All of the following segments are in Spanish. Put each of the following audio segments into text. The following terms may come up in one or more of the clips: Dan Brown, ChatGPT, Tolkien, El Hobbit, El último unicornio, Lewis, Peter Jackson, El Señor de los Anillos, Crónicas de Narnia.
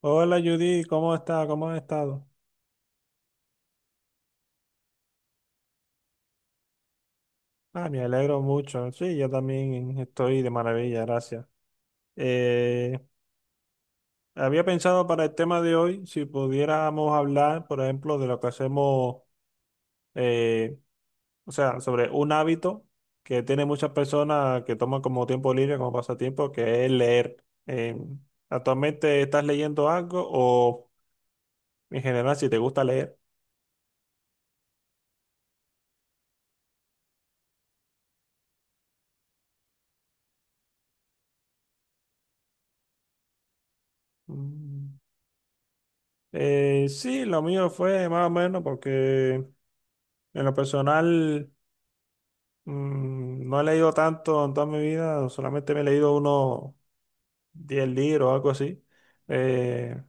Hola Judy, ¿cómo está? ¿Cómo has estado? Ah, me alegro mucho. Sí, yo también estoy de maravilla, gracias. Eh, Había pensado para el tema de hoy si pudiéramos hablar, por ejemplo, de lo que hacemos, eh, o sea, sobre un hábito que tiene muchas personas que toman como tiempo libre, como pasatiempo, que es leer. Eh, ¿Actualmente estás leyendo algo o en general si te gusta leer? Mm. Sí, lo mío fue más o menos porque... En lo personal, no he leído tanto en toda mi vida, solamente me he leído unos 10 libros o algo así. Eh,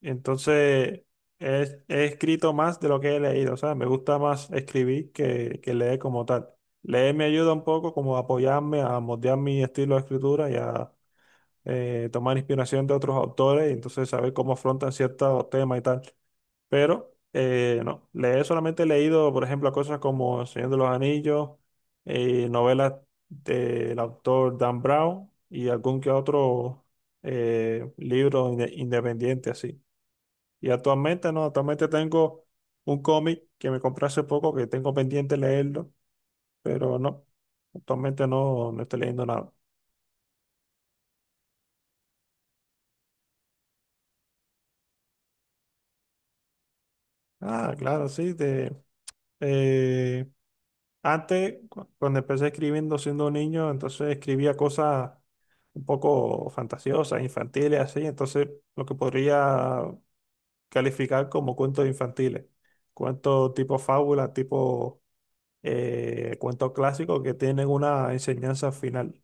entonces he escrito más de lo que he leído, o sea, me gusta más escribir que leer como tal. Leer me ayuda un poco como a apoyarme, a moldear mi estilo de escritura y a tomar inspiración de otros autores y entonces saber cómo afrontan ciertos temas y tal. Pero no, le he solamente leído, por ejemplo, cosas como El Señor de los Anillos, novelas del autor Dan Brown y algún que otro libro independiente así. Y actualmente no, actualmente tengo un cómic que me compré hace poco que tengo pendiente leerlo, pero no, actualmente no, no estoy leyendo nada. Ah, claro, sí, eh, cuando empecé escribiendo siendo un niño, entonces escribía cosas un poco fantasiosas, infantiles, así. Entonces, lo que podría calificar como cuentos infantiles. Cuentos tipo fábula, tipo cuentos clásicos que tienen una enseñanza final.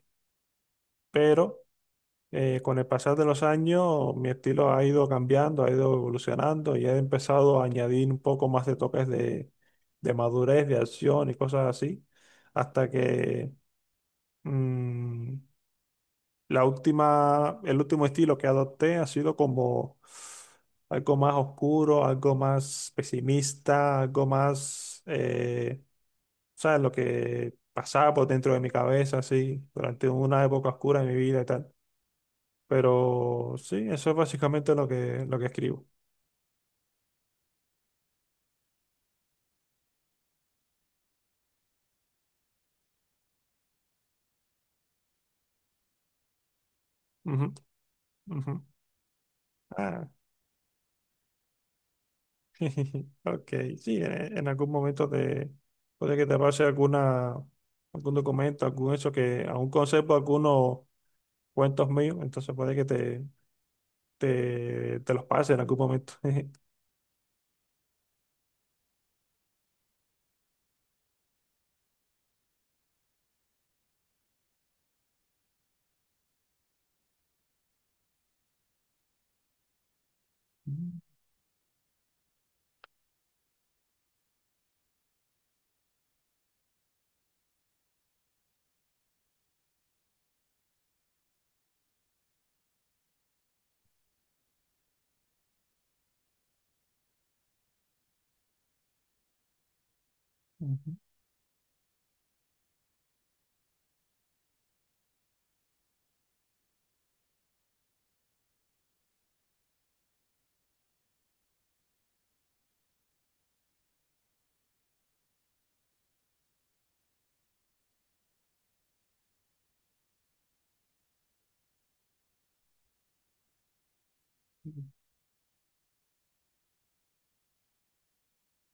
Pero con el pasar de los años, mi estilo ha ido cambiando, ha ido evolucionando y he empezado a añadir un poco más de toques de madurez, de acción y cosas así. Hasta que Mm, el último estilo que adopté ha sido como algo más oscuro, algo más pesimista, algo más, ¿sabes? Lo que pasaba por dentro de mi cabeza, así, durante una época oscura de mi vida y tal. Pero sí, eso es básicamente lo que escribo. Ujú, ujú. Ah, Ok, sí, en algún momento te puede que te pase alguna, algún documento, algún hecho que aún conservo algunos cuentos míos, entonces puede que te los pase en algún momento. Ujú, ujú.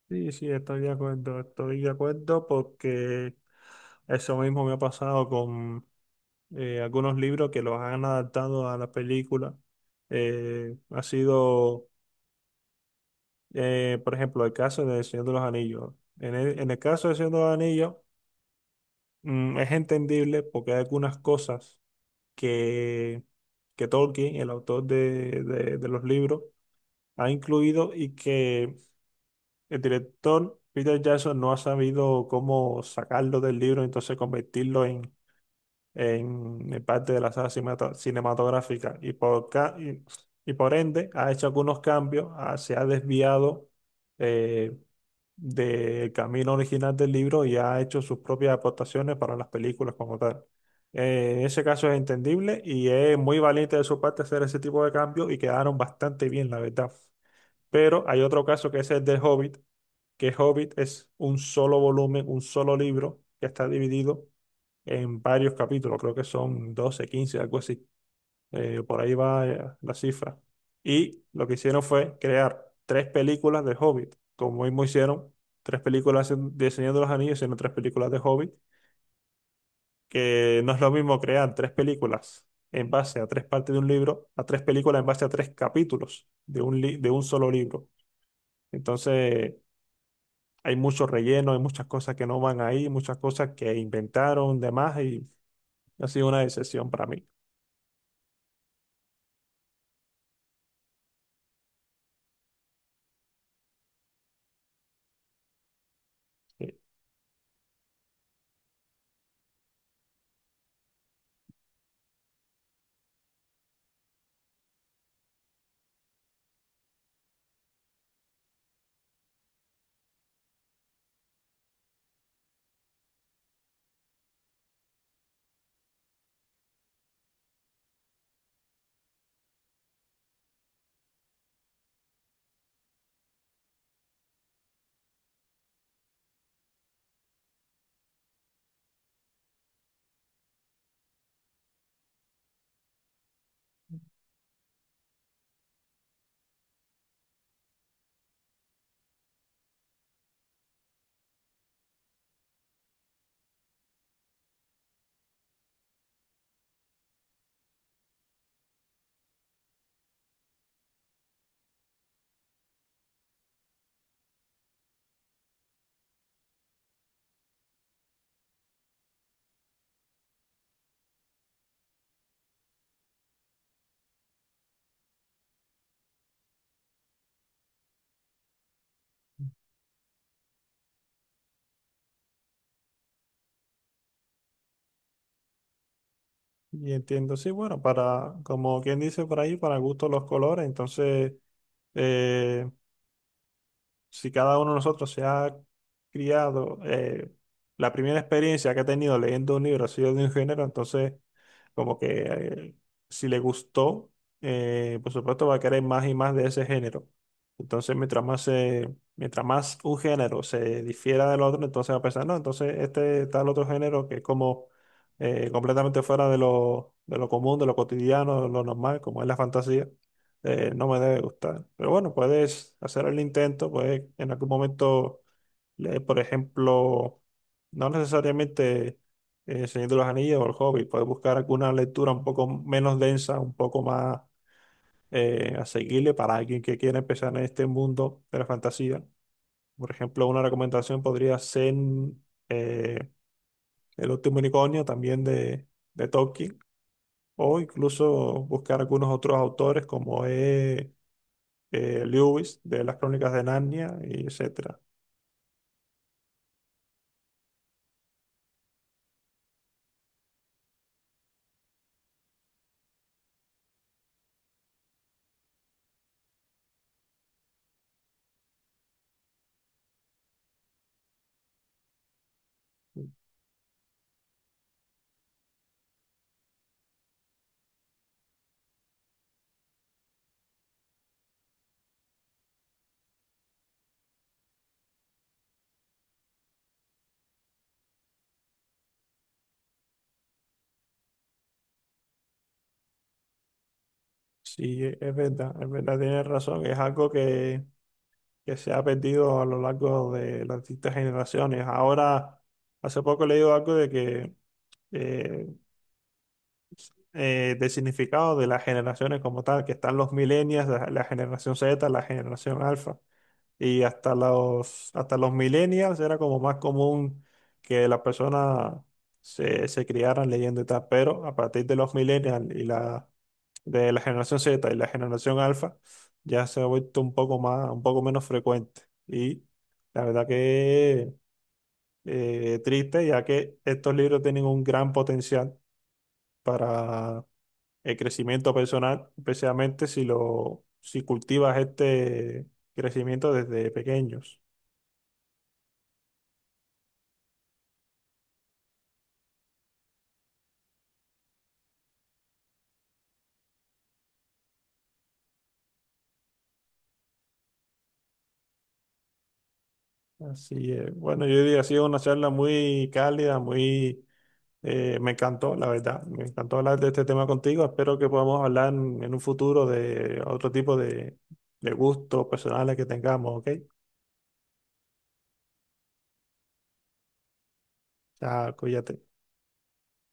Sí, sí, estoy de acuerdo porque eso mismo me ha pasado con algunos libros que los han adaptado a la película. Ha sido Por ejemplo, el caso de El Señor de los Anillos. En el caso del Señor de los Anillos, es entendible porque hay algunas cosas que, que Tolkien, el autor de los libros, ha incluido y que el director Peter Jackson no ha sabido cómo sacarlo del libro, entonces convertirlo en el parte de la saga cinematográfica y por ende ha hecho algunos cambios, ah, se ha desviado eh, del camino original del libro y ha hecho sus propias aportaciones para las películas como tal. En ese caso es entendible y es muy valiente de su parte hacer ese tipo de cambios y quedaron bastante bien, la verdad. Pero hay otro caso que es el del Hobbit, que Hobbit es un solo volumen, un solo libro que está dividido en varios capítulos, creo que son 12, 15, algo así. Por ahí va, la cifra. Y lo que hicieron fue crear 3 películas de Hobbit, como mismo hicieron 3 películas de Señor de los Anillos, sino 3 películas de Hobbit, que no es lo mismo crear 3 películas en base a 3 partes de un libro, a 3 películas en base a 3 capítulos de de un solo libro. Entonces, hay mucho relleno, hay muchas cosas que no van ahí, muchas cosas que inventaron, demás, y ha sido una decepción para mí. Y, y entiendo, sí, bueno, para, como quien dice por ahí, para gusto los colores, entonces... eh, si cada uno de nosotros se ha criado, la primera experiencia que ha tenido leyendo un libro ha sido de un género, entonces como que eh, si le gustó, por supuesto va a querer más y más de ese género. Entonces mientras más un género se difiera del otro, entonces va a pensar, no, entonces este tal otro género que es como completamente fuera de lo común, de lo cotidiano, de lo normal, como es la fantasía, no me debe gustar. Pero bueno, puedes hacer el intento, puedes en algún momento leer, por ejemplo, no necesariamente El Señor de los Anillos o El Hobbit, puedes buscar alguna lectura un poco menos densa, un poco más asequible para alguien que quiera empezar en este mundo de la fantasía. Por ejemplo, una recomendación podría ser eh, El último unicornio, también de Tolkien, o incluso buscar algunos otros autores como es Lewis de las Crónicas de Narnia, y etcétera. Sí, es verdad, tienes razón, es algo que se ha perdido a lo largo de las distintas generaciones. Ahora, hace poco he leído algo de que eh, del significado de las generaciones como tal, que están los millennials, la generación Z, la generación alfa. Y hasta los millennials era como más común que las personas se criaran leyendo y tal, pero a partir de los millennials y de la generación Z y la generación alfa, ya se ha vuelto un poco más, un poco menos frecuente. Y la verdad que triste, ya que estos libros tienen un gran potencial para el crecimiento personal, especialmente si lo, si cultivas este crecimiento desde pequeños. Así es. Bueno, yo diría, ha sido una charla muy cálida, muy... me encantó, la verdad. Me encantó hablar de este tema contigo. Espero que podamos hablar en un futuro de otro tipo de gustos personales que tengamos, ¿ok? Chao, cuídate.